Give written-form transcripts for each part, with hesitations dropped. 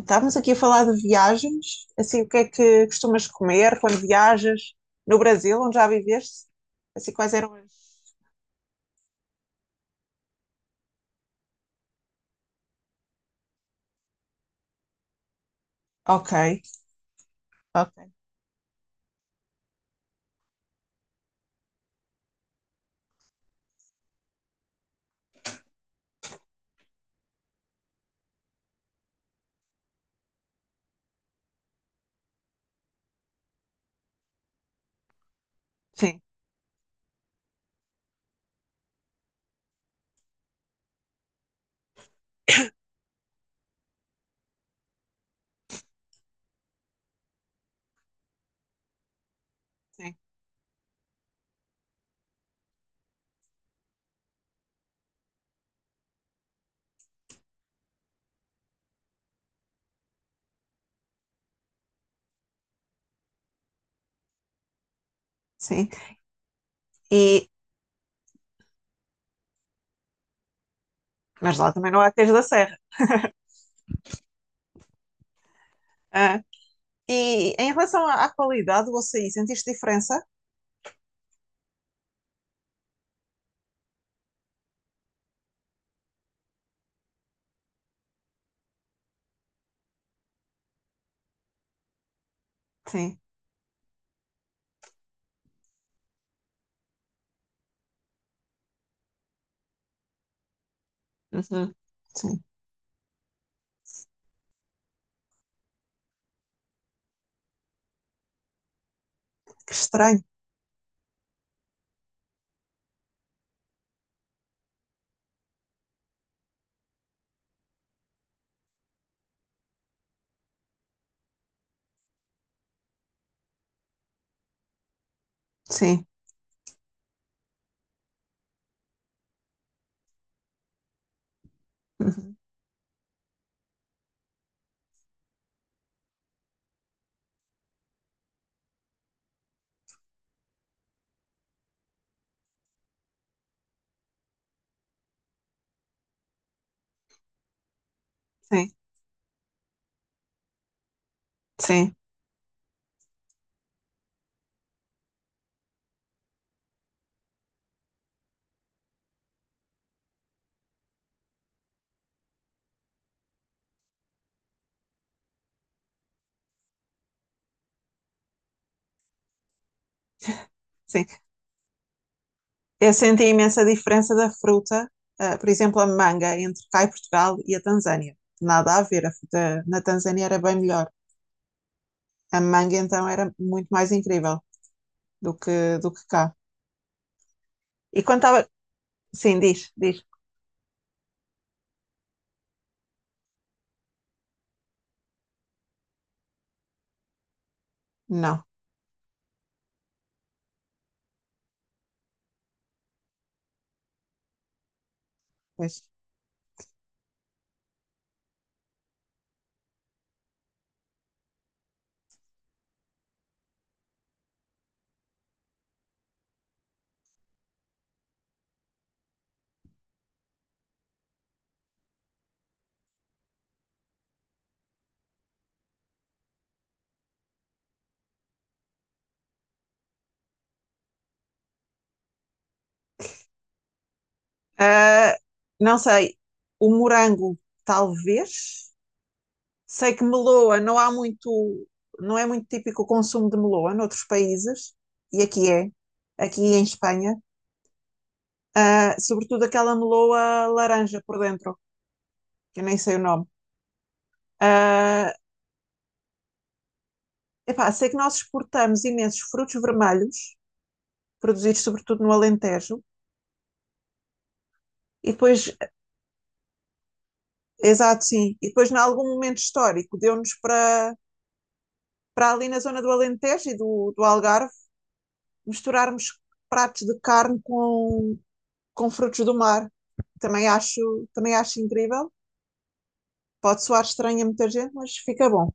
Estávamos aqui a falar de viagens, assim, o que é que costumas comer quando viajas no Brasil, onde já viveste? Assim, quais eram as... Ok, ok, sim, sim, sim. E, mas lá também não há queijo da serra. Ah, e em relação à qualidade do açaí, sentiste diferença? Sim. Uhum. Sim. Que estranho. Sim, uhum, sim, sim, sim. Eu senti imensa diferença da fruta, por exemplo, a manga entre cá e Portugal e a Tanzânia. Nada a ver, a fruta na Tanzânia era bem melhor. A manga então era muito mais incrível do que cá. E quando estava. Sim, diz, diz. Não, pois. Ah, não sei, o morango, talvez. Sei que meloa não há muito. Não é muito típico o consumo de meloa noutros países, e aqui é, aqui em Espanha. Sobretudo aquela meloa laranja por dentro, que eu nem sei o nome. Uh, epá, sei que nós exportamos imensos frutos vermelhos, produzidos sobretudo no Alentejo, e depois, exato, sim, e depois, em algum momento histórico, deu-nos para, para ali na zona do Alentejo e do, do Algarve misturarmos pratos de carne com frutos do mar. Também acho, também acho incrível. Pode soar estranho a muita gente, mas fica bom.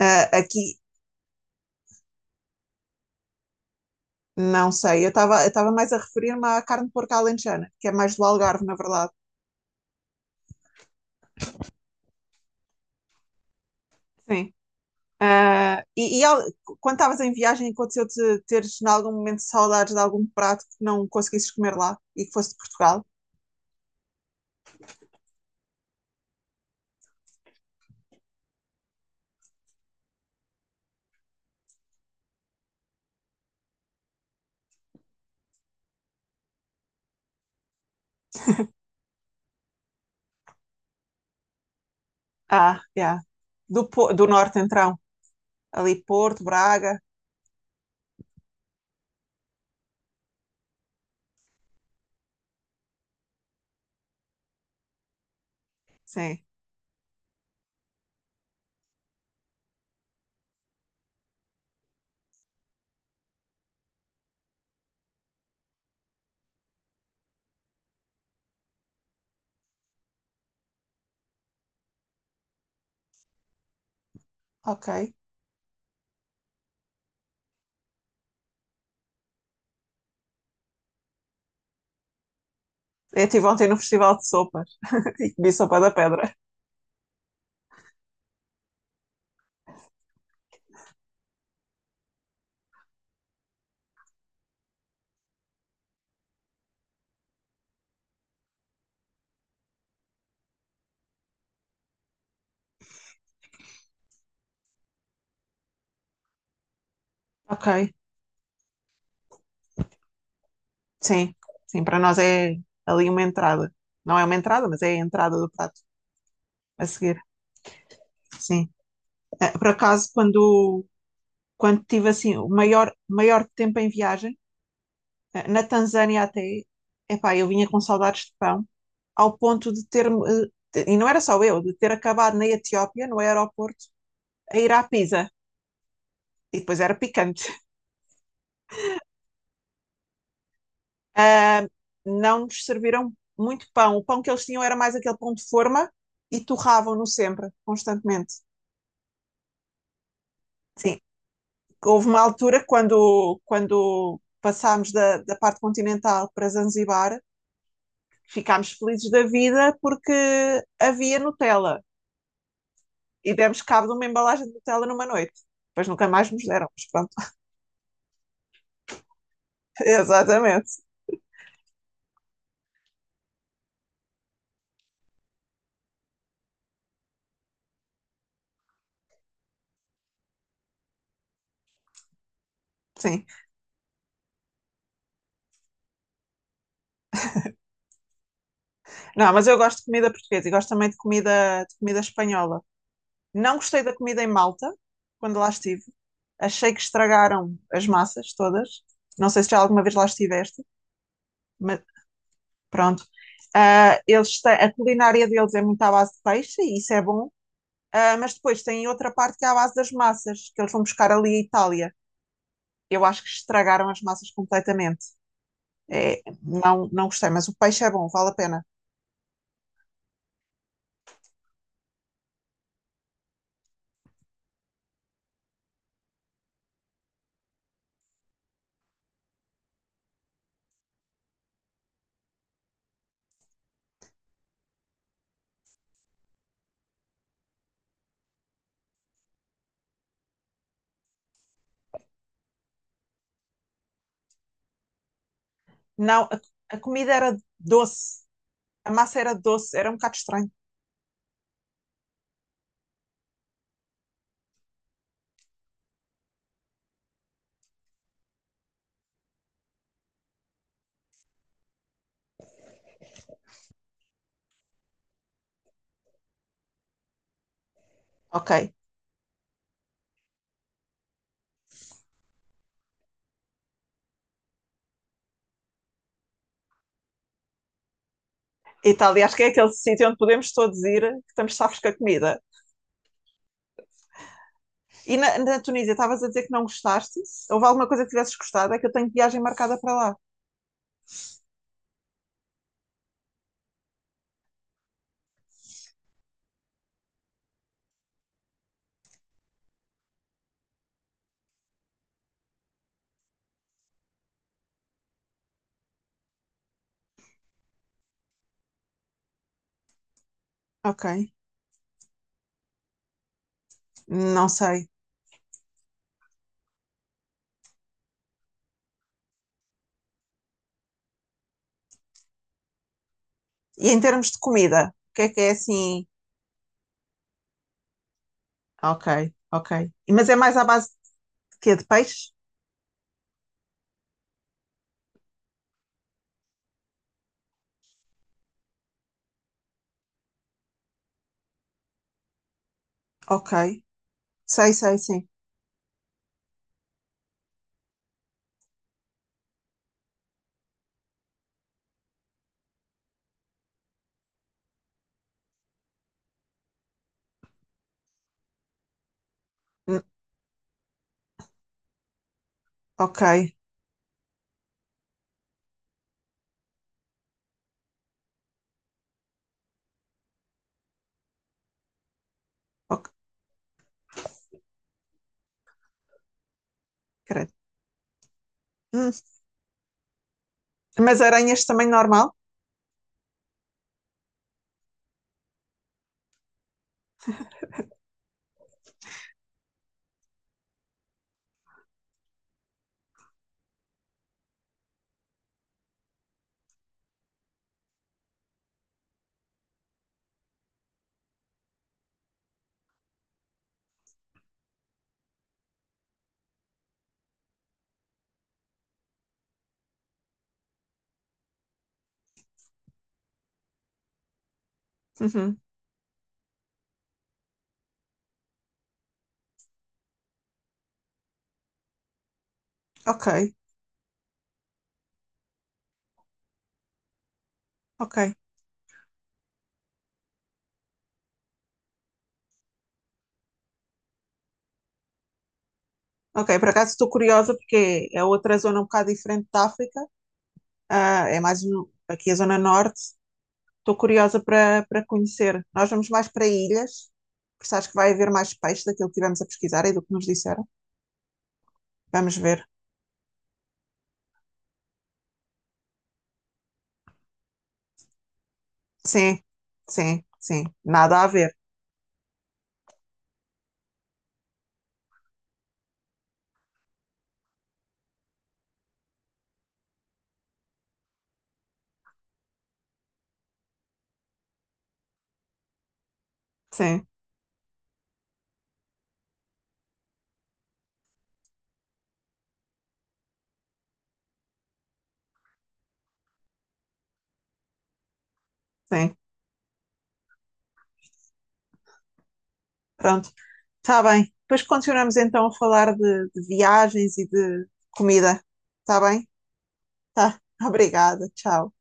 Aqui, não sei, eu estava mais a referir-me à carne de porco alentejana, que é mais do Algarve, na verdade. Sim. Ah, quando estavas em viagem, aconteceu-te teres, em algum momento, saudades de algum prato que não conseguisses comer lá e que fosse de Portugal? Ah, yeah. Do norte, então. Ali, Porto, Braga. Sim. Ok. Eu estive ontem no Festival de Sopas e comi sopa da pedra. Ok. Sim. Sim, para nós é ali uma entrada. Não é uma entrada, mas é a entrada do prato a seguir. Sim. Por acaso, quando, quando tive assim o maior, maior tempo em viagem, na Tanzânia até, epá, eu vinha com saudades de pão, ao ponto de ter e não era só eu, de ter acabado na Etiópia, no aeroporto, a ir à Pisa, e depois era picante. Ah, não nos serviram muito pão. O pão que eles tinham era mais aquele pão de forma e torravam-no sempre, constantemente. Sim, houve uma altura quando, quando passámos da parte continental para Zanzibar, ficámos felizes da vida porque havia Nutella e demos cabo de uma embalagem de Nutella numa noite. Depois nunca mais nos deram, mas pronto. Exatamente, sim. Não, mas eu gosto de comida portuguesa e gosto também de comida espanhola. Não gostei da comida em Malta, quando lá estive. Achei que estragaram as massas todas. Não sei se já alguma vez lá estiveste, mas pronto. Ah, eles têm, a culinária deles é muito à base de peixe, e isso é bom. Ah, mas depois tem outra parte que é à base das massas, que eles vão buscar ali a Itália, eu acho que estragaram as massas completamente. É, não, não gostei, mas o peixe é bom, vale a pena. Não, a comida era doce, a massa era doce, era um bocado estranho. Ok. Itália, acho que é aquele sítio onde podemos todos ir, que estamos safos com a comida. E na Tunísia, estavas a dizer que não gostaste? Se houve alguma coisa que tivesses gostado? É que eu tenho viagem marcada para lá. Ok. Não sei. E em termos de comida, o que é assim? Ok, ok. Mas é mais à base de quê? De peixe? Ok. Sei, sei, sim. Ok. Ok, credo. Hum, Mas aranhas também normal? Uhum, ok, ok. Ok, por acaso estou curiosa porque é outra zona um bocado diferente da África. Ah, é mais no- aqui a zona norte. Estou curiosa para conhecer. Nós vamos mais para ilhas, porque acho que vai haver mais peixe daquilo que tivemos a pesquisar e do que nos disseram. Vamos ver. Sim, sim, sim. Nada a ver. Sim, sim. Pronto, está bem. Depois continuamos então a falar de viagens e de comida. Está bem? Tá, obrigada. Tchau.